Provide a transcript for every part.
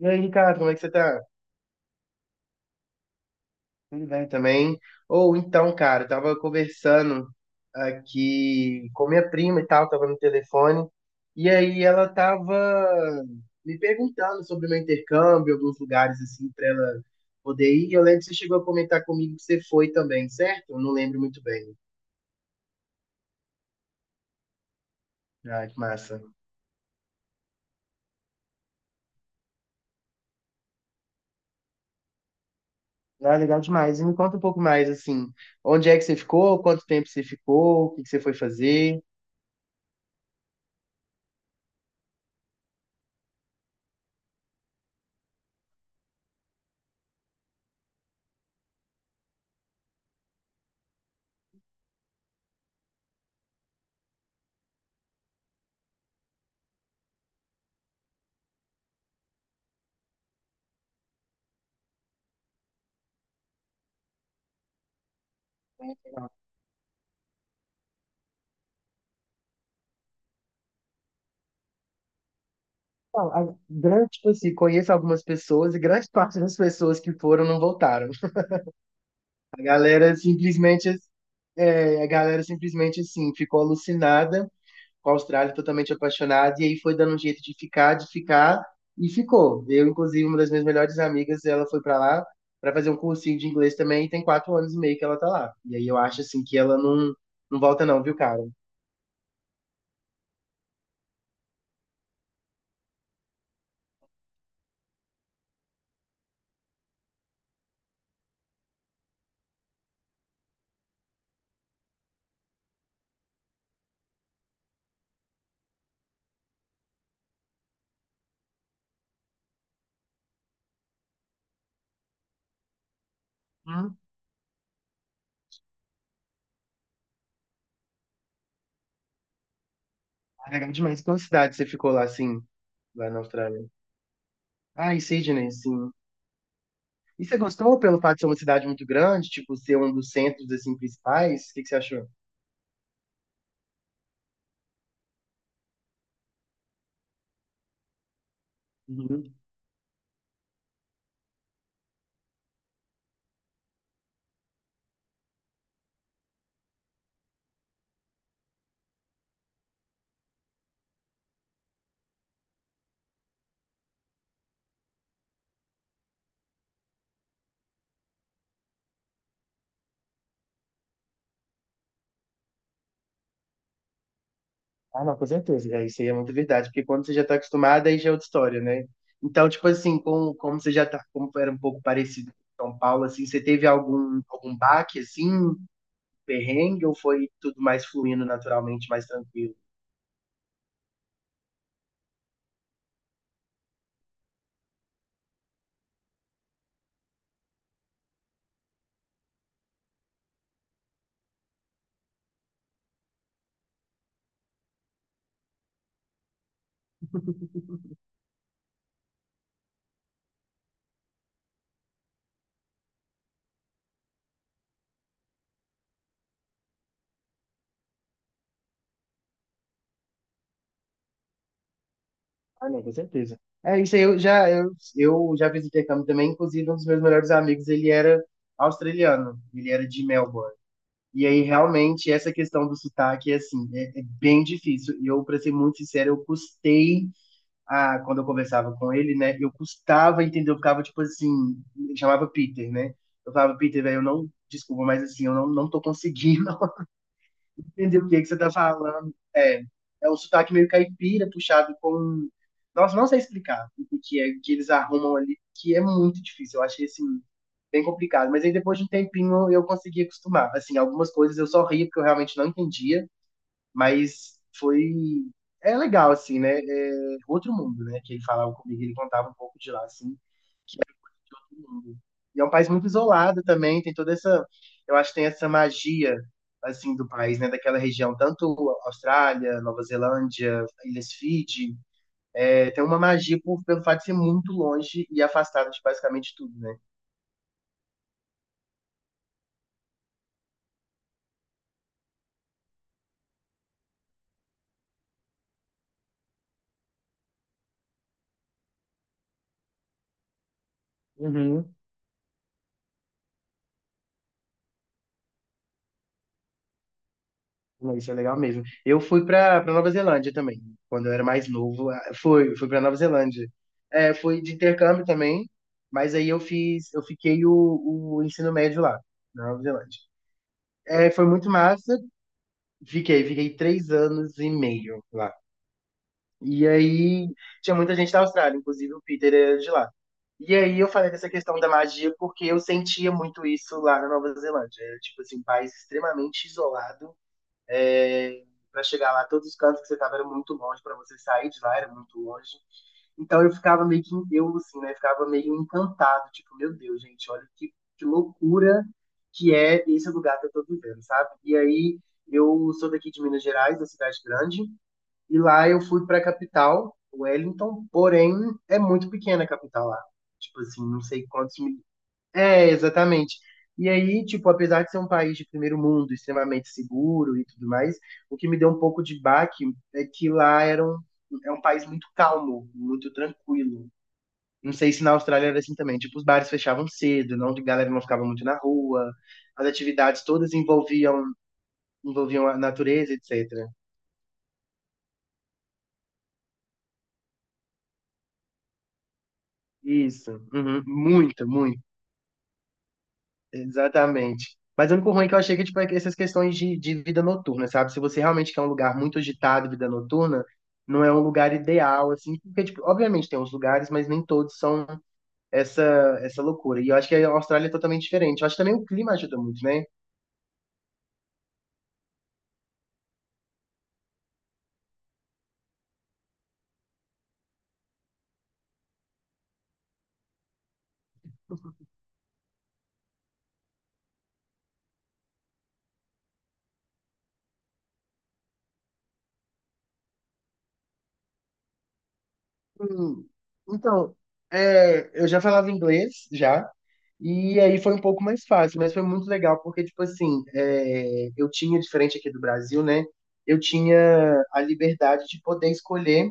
E aí, Ricardo, como é que você tá? Tudo bem também? Ou então, cara, eu tava conversando aqui com minha prima e tal, tava no telefone, e aí ela tava me perguntando sobre o meu intercâmbio, alguns lugares assim pra ela poder ir. Eu lembro que você chegou a comentar comigo que você foi também, certo? Eu não lembro muito bem. Ah, que massa. Ah, legal demais. E me conta um pouco mais, assim, onde é que você ficou, quanto tempo você ficou, o que que você foi fazer? Não, a grande, tipo assim, conheço algumas pessoas e grande parte das pessoas que foram não voltaram. A galera simplesmente, a galera simplesmente assim, ficou alucinada com a Austrália, totalmente apaixonada, e aí foi dando um jeito de ficar, e ficou. Eu, inclusive, uma das minhas melhores amigas, ela foi pra lá pra fazer um cursinho de inglês também, e tem 4 anos e meio que ela tá lá. E aí eu acho, assim, que ela não volta não, viu, cara? Hum, legal demais. Qual cidade você ficou lá, assim, lá na Austrália? Ah, e Sydney, sim. E você gostou pelo fato de ser uma cidade muito grande, tipo, ser um dos centros, assim, principais? O que que você achou? Uhum. Ah, não, com certeza. É, isso aí é muito verdade, porque quando você já está acostumado, aí já é outra história, né? Então, tipo assim, como você já tá, como era um pouco parecido com São Paulo, assim, você teve algum baque, assim, perrengue, ou foi tudo mais fluindo naturalmente, mais tranquilo? Ah, não, com certeza. É, isso aí, eu já fiz intercâmbio também, inclusive um dos meus melhores amigos, ele era australiano, ele era de Melbourne. E aí, realmente, essa questão do sotaque, é, assim, é bem difícil. E eu, para ser muito sincero, eu custei, a, quando eu conversava com ele, né? Eu custava entender, eu ficava, tipo assim, ele chamava Peter, né? Eu falava, Peter, velho, eu não, desculpa, mas assim, eu não tô conseguindo. Entendi o que que você tá falando. É um sotaque meio caipira, puxado com. Nossa, não sei explicar o que é que eles arrumam ali, que é muito difícil. Eu achei assim, bem complicado. Mas aí depois de um tempinho eu consegui acostumar. Assim, algumas coisas eu só ria porque eu realmente não entendia, mas foi. É legal, assim, né? É outro mundo, né? Que ele falava comigo, ele contava um pouco de lá, assim. E é um país muito isolado também, tem toda essa, eu acho que tem essa magia assim do país, né, daquela região, tanto Austrália, Nova Zelândia, Ilhas Fiji, é, tem uma magia pelo fato de ser muito longe e afastado de basicamente tudo, né? Uhum. Não, isso é legal mesmo. Eu fui para Nova Zelândia também, quando eu era mais novo. Fui para Nova Zelândia. É, fui de intercâmbio também, mas aí eu fiquei o ensino médio lá, na Nova Zelândia. É, foi muito massa. Fiquei 3 anos e meio lá. E aí tinha muita gente da Austrália, inclusive o Peter era de lá. E aí eu falei dessa questão da magia porque eu sentia muito isso lá na Nova Zelândia. Era, tipo assim, um país extremamente isolado é, para chegar lá, todos os cantos que você estava eram muito longe, para você sair de lá era muito longe. Então eu ficava meio que em Deus, assim, né? Ficava meio encantado, tipo, meu Deus, gente, olha que loucura que é esse lugar que eu tô vivendo, sabe? E aí eu sou daqui de Minas Gerais, da cidade grande, e lá eu fui para a capital, Wellington, porém é muito pequena a capital lá. Tipo assim, não sei quantos é, exatamente. E aí, tipo, apesar de ser um país de primeiro mundo, extremamente seguro e tudo mais, o que me deu um pouco de baque é que lá é um país muito calmo, muito tranquilo. Não sei se na Austrália era assim também. Tipo, os bares fechavam cedo, não, a galera não ficava muito na rua, as atividades todas envolviam a natureza, etc. Isso, uhum, muito, muito. Exatamente. Mas o único ruim é que eu achei que, tipo, é que essas questões de vida noturna, sabe? Se você realmente quer um lugar muito agitado, vida noturna, não é um lugar ideal, assim, porque, tipo, obviamente tem uns lugares, mas nem todos são essa, essa loucura. E eu acho que a Austrália é totalmente diferente. Eu acho que também o clima ajuda muito, né? Hum, então, é, eu já falava inglês, já, e aí foi um pouco mais fácil, mas foi muito legal, porque, tipo assim, é, eu tinha, diferente aqui do Brasil, né? Eu tinha a liberdade de poder escolher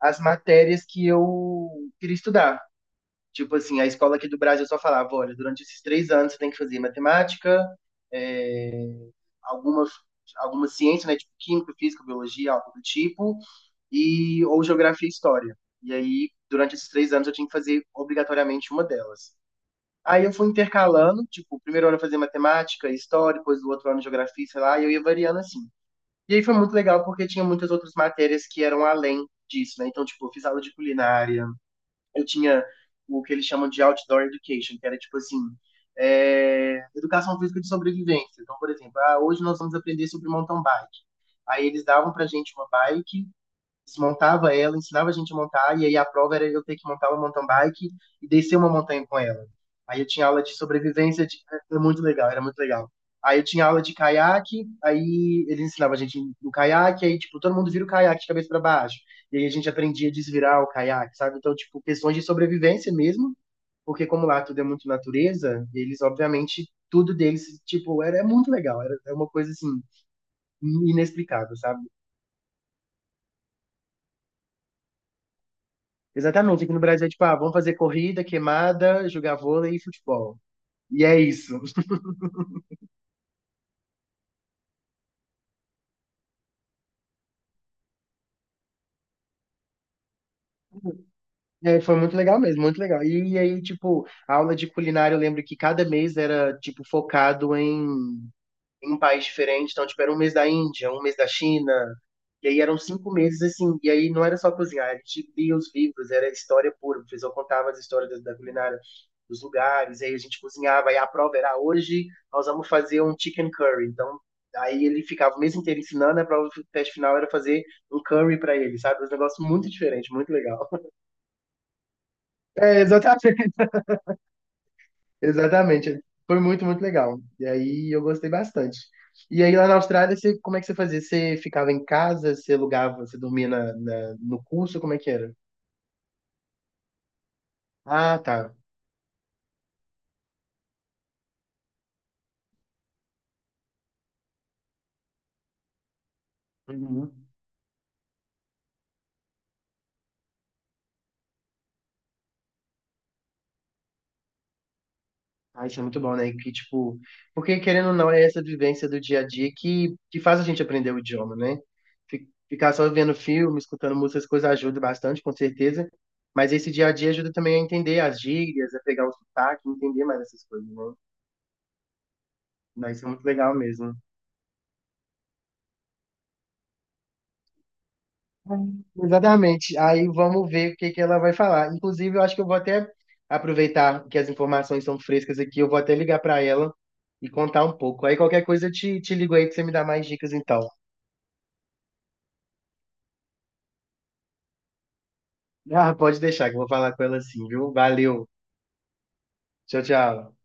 as matérias que eu queria estudar. Tipo assim, a escola aqui do Brasil só falava, olha, durante esses 3 anos você tem que fazer matemática, é, alguma, alguma ciência, né? Tipo química, física, biologia, algo do tipo, e, ou geografia e história. E aí, durante esses 3 anos, eu tinha que fazer obrigatoriamente uma delas. Aí eu fui intercalando, tipo, o primeiro ano eu fazia matemática, história, depois do outro ano geografia, sei lá, e eu ia variando assim. E aí foi muito legal porque tinha muitas outras matérias que eram além disso, né? Então, tipo, eu fiz aula de culinária, eu tinha o que eles chamam de outdoor education, que era tipo assim, é, educação física de sobrevivência. Então, por exemplo, ah, hoje nós vamos aprender sobre mountain bike. Aí eles davam pra gente uma bike, desmontava ela, ensinava a gente a montar, e aí a prova era eu ter que montar uma mountain bike e descer uma montanha com ela. Aí eu tinha aula de sobrevivência, de... era muito legal, era muito legal. Aí eu tinha aula de caiaque, aí eles ensinavam a gente no caiaque, aí, tipo, todo mundo vira o caiaque de cabeça para baixo. E aí a gente aprendia a desvirar o caiaque, sabe? Então, tipo, questões de sobrevivência mesmo, porque como lá tudo é muito natureza, eles, obviamente, tudo deles, tipo, era, é muito legal, era é uma coisa, assim, inexplicável, sabe? Exatamente, aqui no Brasil é tipo, ah, vamos fazer corrida, queimada, jogar vôlei e futebol. E é isso. É, foi muito legal mesmo, muito legal. E, aí, tipo, a aula de culinária, eu lembro que cada mês era, tipo, focado em um país diferente. Então, tipo, era um mês da Índia, um mês da China. E aí eram 5 meses, assim. E aí não era só cozinhar, a gente lia os livros, era história pura. O professor contava as histórias da, da culinária dos lugares. E aí a gente cozinhava. E a prova era hoje nós vamos fazer um chicken curry. Então, aí ele ficava o mês inteiro ensinando. A prova do teste final era fazer um curry para ele, sabe? Um negócio muito diferente, muito legal. É, exatamente. Exatamente. Foi muito, muito legal. E aí eu gostei bastante. E aí lá na Austrália, você, como é que você fazia? Você ficava em casa, você alugava, você dormia no curso, como é que era? Ah, tá. Uhum. Ah, isso é muito bom, né? Que, tipo, porque querendo ou não, é essa vivência do dia a dia que faz a gente aprender o idioma, né? Ficar só vendo filme, escutando música, essas coisas ajuda bastante, com certeza. Mas esse dia a dia ajuda também a entender as gírias, a pegar o sotaque, entender mais essas coisas, né? Mas isso é muito legal mesmo. Exatamente. Aí vamos ver o que que ela vai falar. Inclusive, eu acho que eu vou até aproveitar que as informações são frescas aqui, eu vou até ligar para ela e contar um pouco. Aí qualquer coisa eu te ligo aí para você me dar mais dicas então. Ah, pode deixar que eu vou falar com ela assim, viu? Valeu. Tchau, tchau.